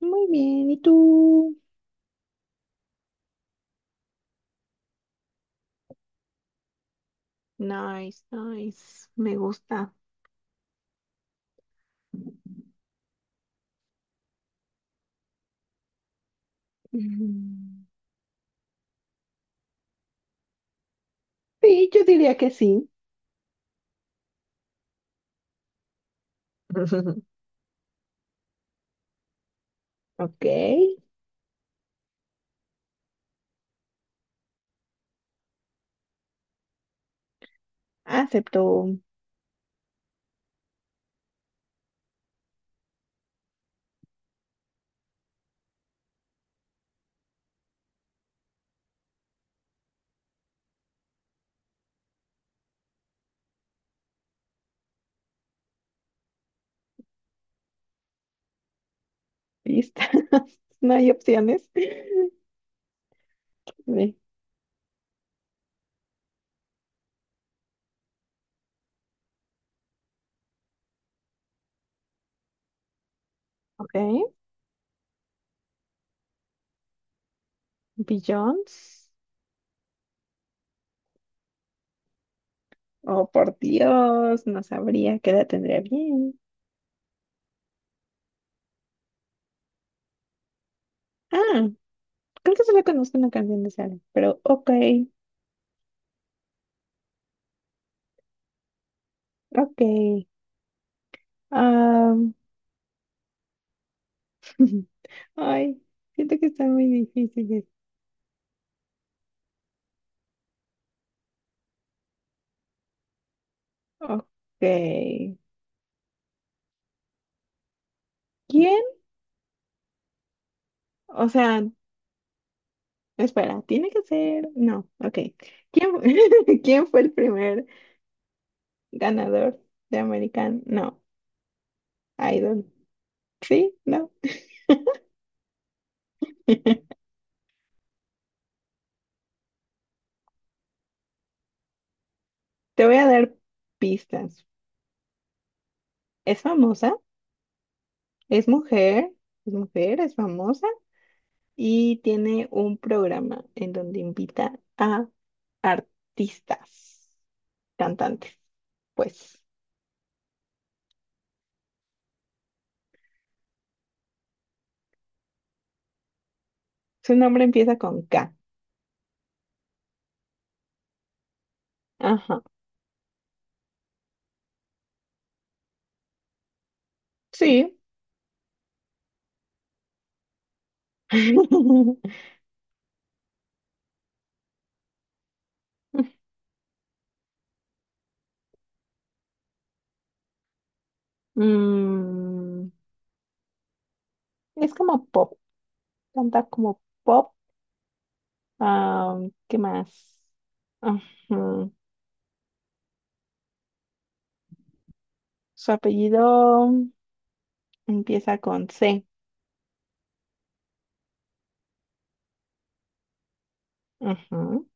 Muy bien, ¿y tú? Nice, nice. Me gusta. Mm. Sí, yo diría que sí. Ok. Acepto pistas. No hay opciones. Ve. Ok. Billions. Oh, por Dios, no sabría qué edad tendría bien. Ah, Creo que solo conozco una canción de Sara, pero ok, ok. Ah, ay, Siento que está muy difícil. Ok. ¿Quién O sea, Espera, tiene que ser. No, ok. ¿Quién, fu- ¿Quién fue el primer ganador de American? No, Idol. Sí, no. Te voy a dar pistas. Es famosa, es mujer, es famosa y tiene un programa en donde invita a artistas, cantantes. Pues su nombre empieza con K. Ajá. Sí. Mm, Es como pop, canta como pop. Ah, ¿Qué más? Ujú. Su apellido empieza con C. Ujú.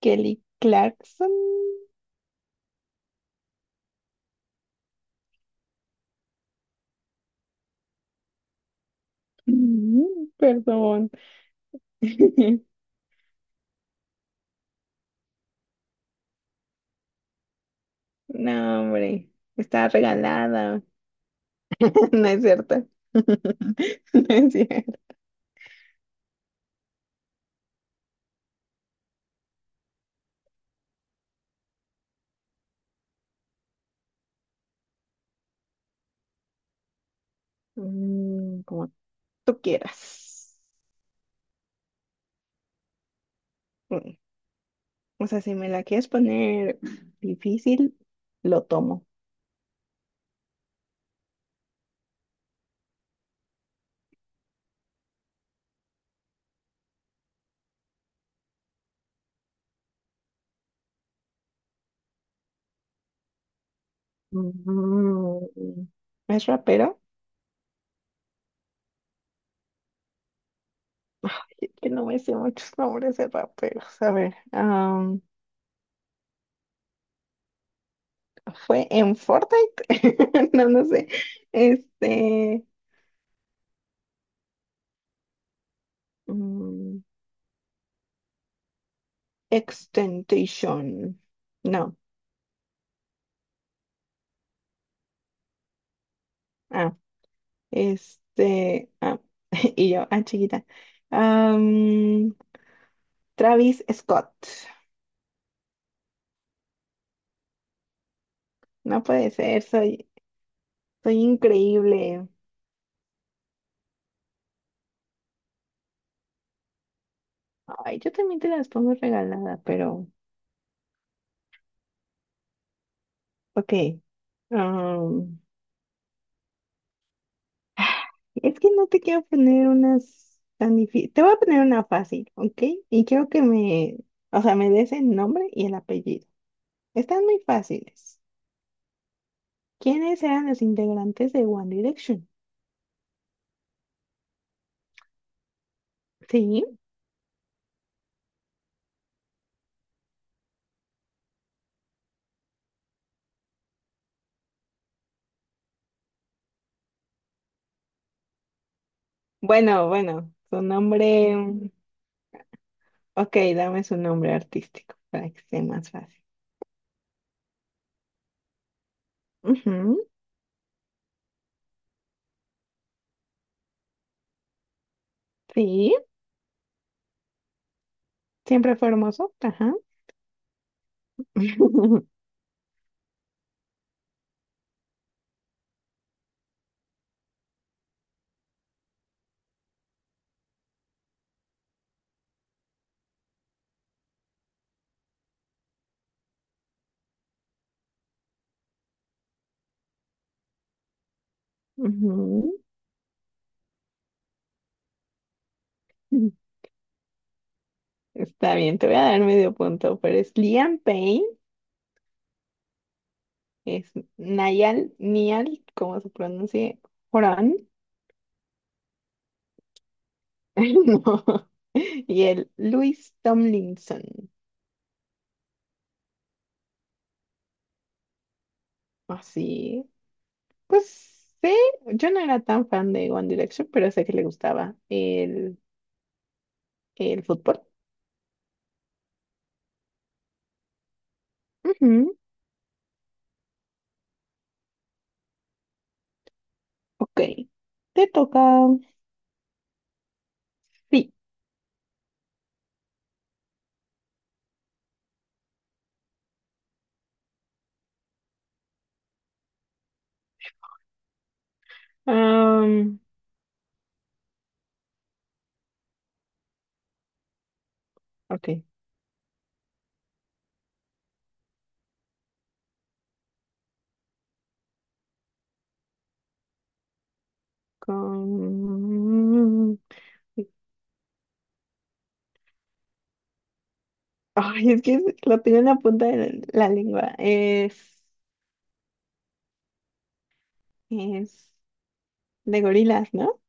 Kelly Clarkson. Mm, Perdón. No, hombre, está regalada. No es cierto. No es cierto. Como tú quieras. Mm, O sea, si me la quieres poner difícil, lo tomo. Mm. ¿Es rapero? Que no me sé muchos nombres de raperos. A ver, ¿fue en Fortnite? No, no sé. Este, mm, Extentation. No. Ah, este, ah, chiquita. Am, Travis Scott. No puede ser, soy increíble. Ay, yo también te las pongo regalada, pero, ok. Es que no te quiero poner unas tan difíciles. Te voy a poner una fácil, ¿ok? Y quiero que me, o sea, me des el nombre y el apellido. Están muy fáciles. ¿Quiénes eran los integrantes de One Direction? Sí. Bueno, su nombre. Mm. Ok, dame su nombre artístico para que sea más fácil. Ujú. Sí. Siempre fue hermoso. Ajá. Ujú. Está bien, te voy a dar medio punto, pero es Liam Payne. Es Nayal, Nial, como se pronuncie, Horan. No. Y el Luis Tomlinson. Así, pues sé, yo no era tan fan de One Direction, pero sé que le gustaba el fútbol. Ujú. Ok, te toca. Sí. am, ok. Con... Ay, es que lo tengo en la punta de la lengua. Es de gorilas, ¿no?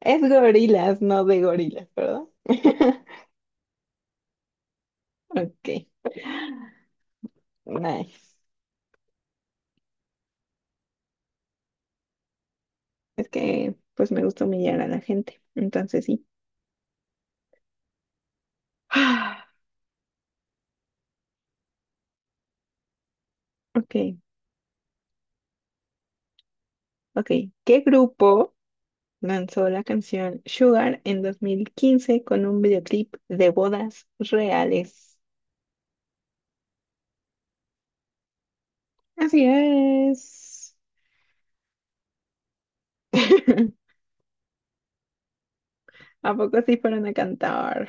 Es gorilas, no de gorilas, ¿verdad? Ok, nice. Es que pues me gusta humillar a la gente, entonces sí. Ok, ok. ¿Qué grupo lanzó la canción Sugar en 2015 con un videoclip de bodas reales? Así es. ¿A poco sí fueron a cantar?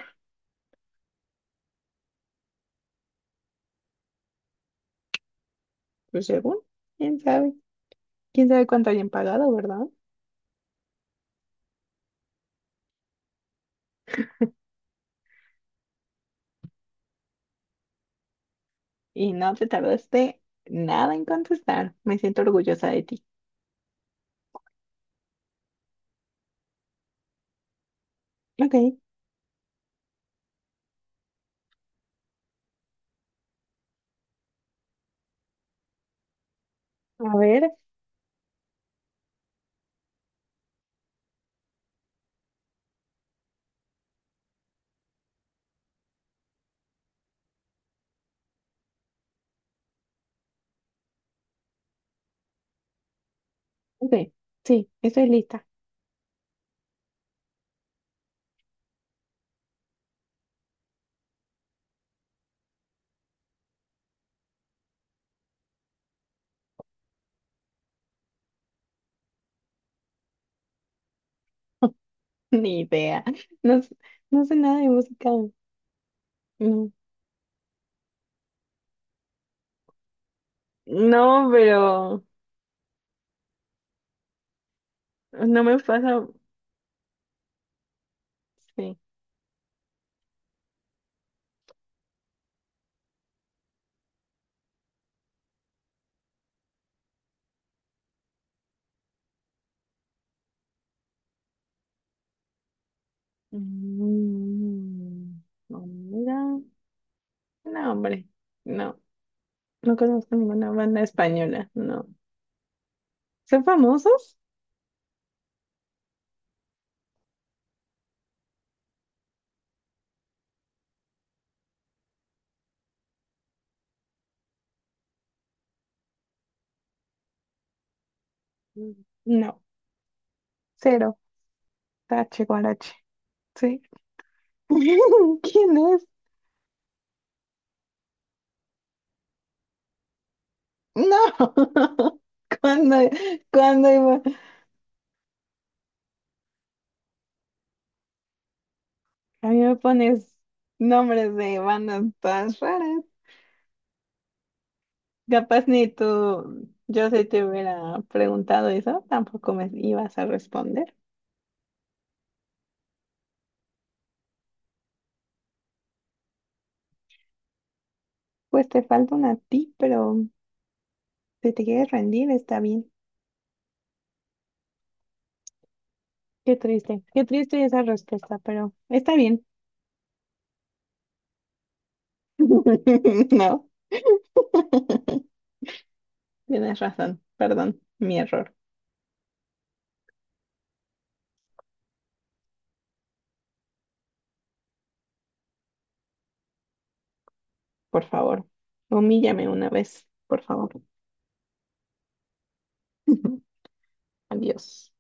Pues según, quién sabe. ¿Quién sabe cuánto hayan pagado, verdad? Y no te tardaste nada en contestar. Me siento orgullosa de ti. Ok, a ver. Ok, sí, estoy lista. Ni idea. No, s- no sé nada de música. No, no, pero no me pasa. Sí. Mm, no, mira. No, hombre. No, no conozco ninguna banda española. No. ¿Son famosos? Mm. No. Cero. Tache, guarache. Sí. ¿Quién es? No. cuando, Cuando a mí me pones nombres de bandas todas raras. Capaz ni tú, yo si te hubiera preguntado eso, tampoco me ibas a responder. Pues te falta una a ti, pero si te quieres rendir, está bien. Qué triste esa respuesta, pero está bien. No, tienes razón, perdón, mi error, por favor. Humíllame una vez, por favor. Adiós.